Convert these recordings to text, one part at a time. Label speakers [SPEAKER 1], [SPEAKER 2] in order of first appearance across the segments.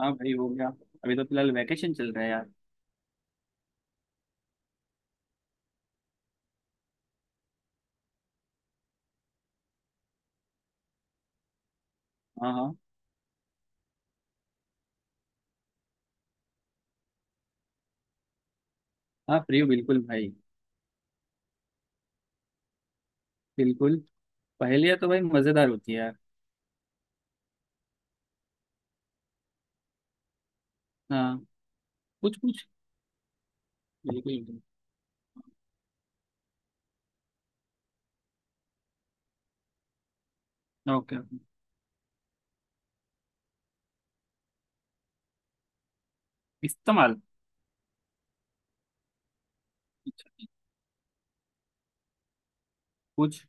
[SPEAKER 1] हाँ भाई हो गया। अभी तो फिलहाल वैकेशन चल रहा है यार। हाँ हाँ। हाँ फ्री हूँ बिल्कुल भाई। बिल्कुल। पहेलियाँ तो भाई मज़ेदार होती है यार। हाँ। कुछ कुछ। बिल्कुल। Okay okay. इस्तेमाल। अच्छा, कुछ।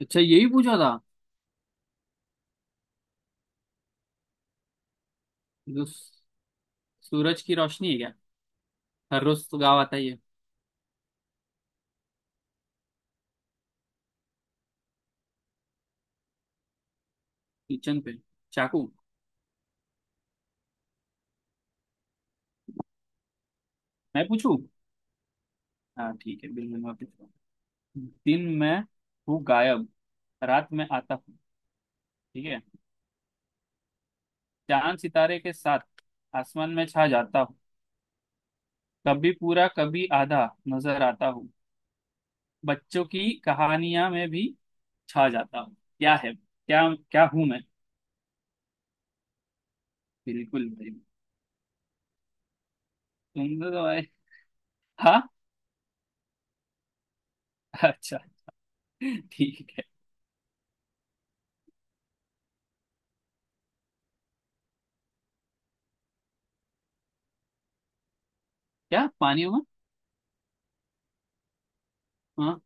[SPEAKER 1] अच्छा यही पूछा था। जो सू- सूरज की रोशनी है क्या? हर रोज तो गाँव आता ही है। किचन पे। चाकू। मैं पूछूं? हाँ ठीक है बिल्कुल मैं पूछूँ। दिन में हूँ गायब, रात में आता हूँ। ठीक है। चांद सितारे के साथ आसमान में छा जाता हूँ। कभी पूरा कभी आधा नजर आता हूँ। बच्चों की कहानियां में भी छा जाता हूँ। क्या है क्या, क्या हूँ मैं? बिल्कुल भाई। तुम तो भाई। हाँ। अच्छा। ठीक है। क्या पानी हूँ मैं? हाँ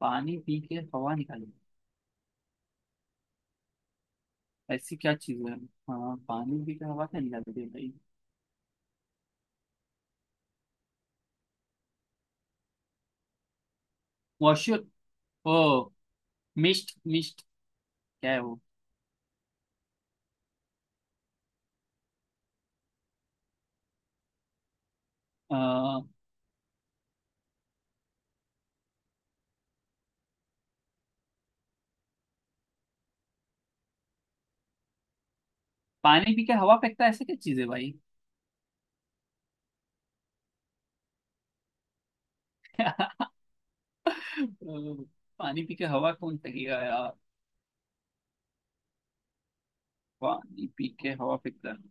[SPEAKER 1] पानी पी के हवा निकाली, ऐसी क्या चीज है। हाँ पानी पी के हवा क्या निकालती है भाई? वॉशर? ओ मिस्ट मिस्ट। क्या है वो? अ, पानी पी के हवा फेंकता है ऐसा क्या चीज है भाई? अ, पानी पी के हवा कौन फेंकेगा यार? पानी पी के हवा फेंकता है।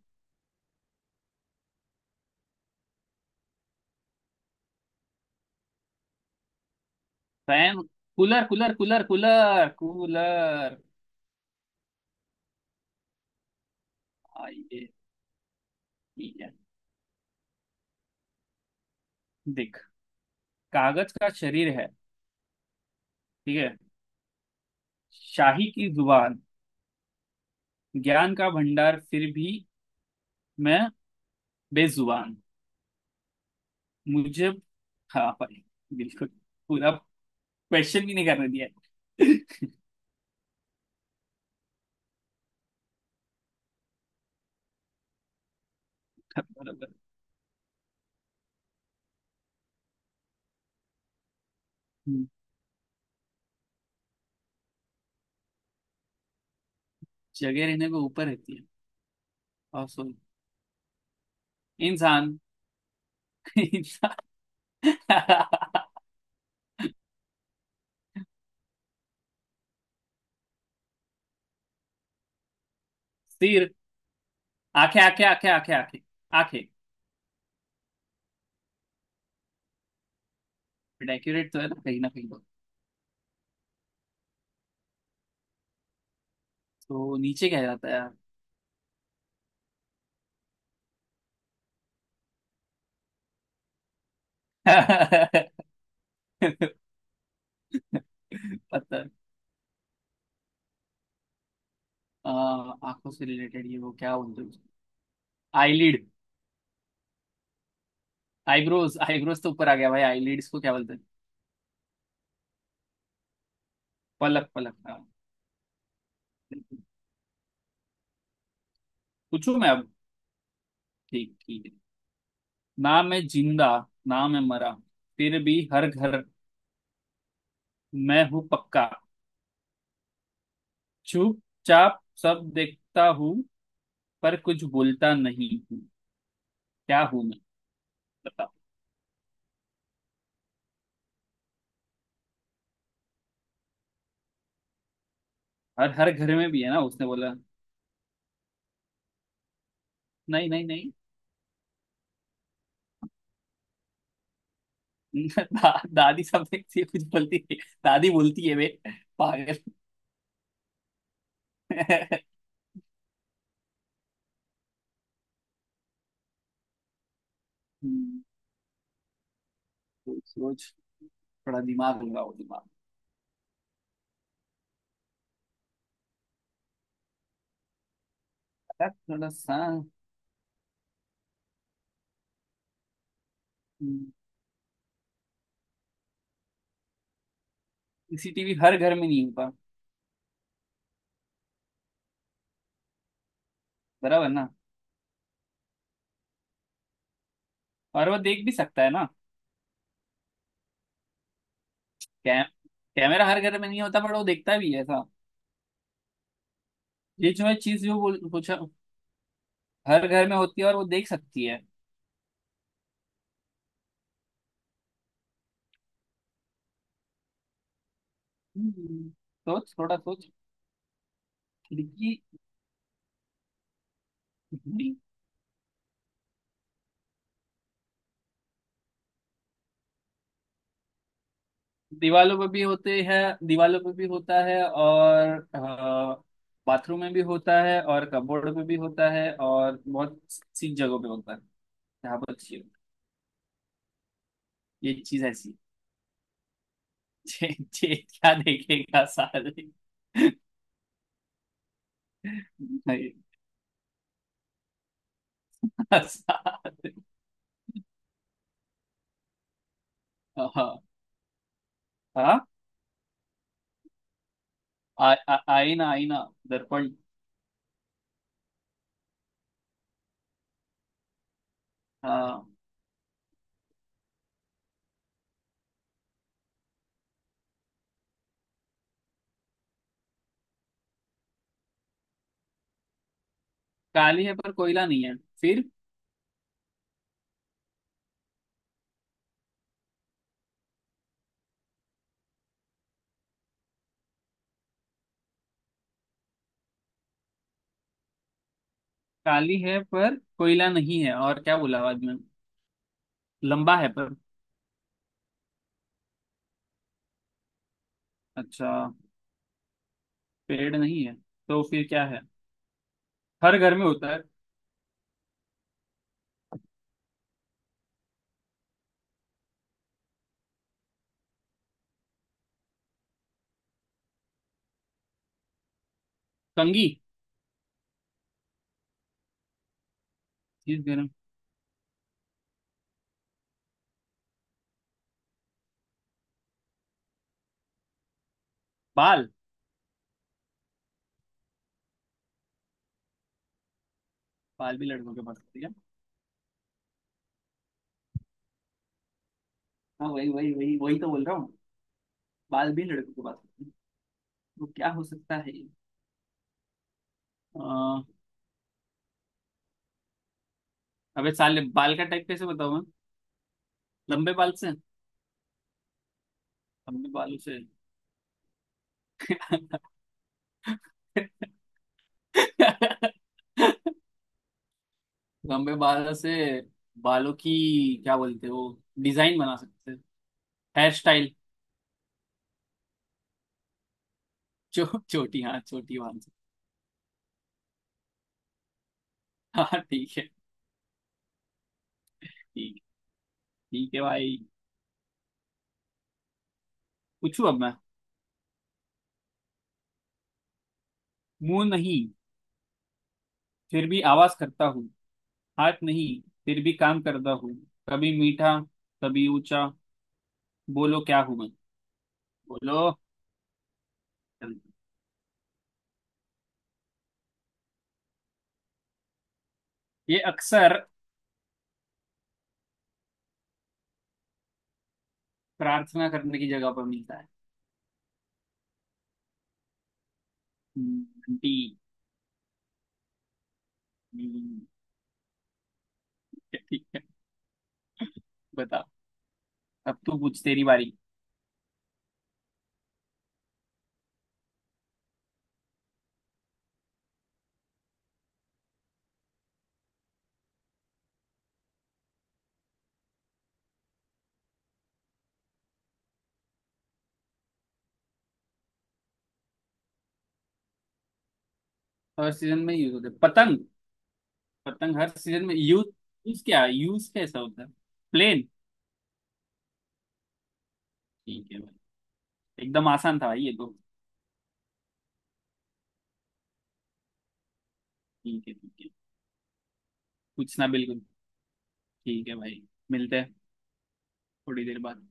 [SPEAKER 1] Fan? Cooler cooler cooler cooler cooler. आइए। ठीक है। देख, कागज का शरीर है, ठीक है, शाही की जुबान, ज्ञान का भंडार फिर भी मैं बेजुबान। मुझे? हाँ भाई बिल्कुल। पूरा क्वेश्चन भी नहीं करने दिया है। बराबर। हम्म, जगह रहने को ऊपर रहती है और सॉरी इंसान। इंसान। सिर? आंखें आंखें आंखें आंखें आंखें आंखें। डेकोरेट तो है ना, कहीं ना कहीं तो। तो नीचे क्या जाता है यार? पता। आ, आंखों से रिलेटेड ये, वो क्या बोलते हैं? आईलिड? आईब्रोज आईब्रोज तो ऊपर आ गया भाई, आईलिड्स को क्या बोलते हैं? पलक पलक हाँ। पूछू मैं अब। ठीक ठीक है। ना मैं जिंदा, ना मैं मरा, फिर भी हर घर मैं हूँ पक्का। चुपचाप सब देखता हूँ पर कुछ बोलता नहीं हूँ। क्या हूँ मैं? बताओ। हर हर घर में भी है ना उसने बोला। नहीं नहीं नहीं। दादी समथिंग से कुछ बोलती है। दादी बोलती है वे, पागल। हम्म, सोच सोच, थोड़ा दिमाग लगाओ दिमाग। अगर थोड़ा सा। हम्म, सीसीटीवी हर घर में नहीं होता। बराबर ना। और वो देख भी सकता है ना। कै, कैमरा हर घर में नहीं होता, बट वो देखता भी है ऐसा। ये जो है चीज जो बोल पूछा, हर घर में होती है और वो देख सकती है। सोच थोड़ा सोच। खिड़की? दीवालों पे भी होते हैं। दीवालों पे भी होता है, और अ, बाथरूम में भी होता है, और कपबोर्ड पे भी होता है, और बहुत सी जगहों पे होता है। यहाँ पर चाहिए ये चीज ऐसी। जे, जे क्या देखेगा सारे नहीं, सारे। हाँ हाँ। आईना आईना, दर्पण। हाँ। काली है पर कोयला नहीं है? फिर काली है पर कोयला नहीं है, और क्या बोला बाद में? लंबा है पर? अच्छा, पेड़ नहीं है। तो फिर क्या है? हर घर में होता है? कंघी? जिस घर में बाल? बाल भी लड़कों के पास होती है। हाँ वही वही वही वही तो बोल रहा हूँ। बाल भी लड़कों के पास होते हैं, तो क्या हो सकता है ये? आ, अबे साले बाल का टाइप कैसे बताऊं मैं? लंबे बाल से, लंबे बालों से। लंबे बालों से बालों की क्या बोलते हैं वो डिजाइन बना सकते हैं? Hair style? चो, चोटी हाँ चोटी बांध सकते हैं। हाँ ठीक है। ठीक। ठीक है भाई। पूछू अब मैं। मुंह नहीं फिर भी आवाज करता हूँ, हाथ नहीं फिर भी काम करता हूँ। कभी मीठा, कभी ऊंचा। बोलो क्या हूं मैं, बोलो। ये अक्सर प्रार्थना करने की जगह पर मिलता है। आंटी। हम्म, ठीक है। बता। अब तू पूछ, तेरी बारी। हर सीजन में यूज होते, पतंग? पतंग हर सीजन में यूज। यूज क्या यूज कैसा होता है? प्लेन? ठीक है भाई। एकदम आसान था भाई ये तो। ठीक है ठीक है। पूछना बिल्कुल। ठीक है भाई, मिलते हैं थोड़ी देर बाद।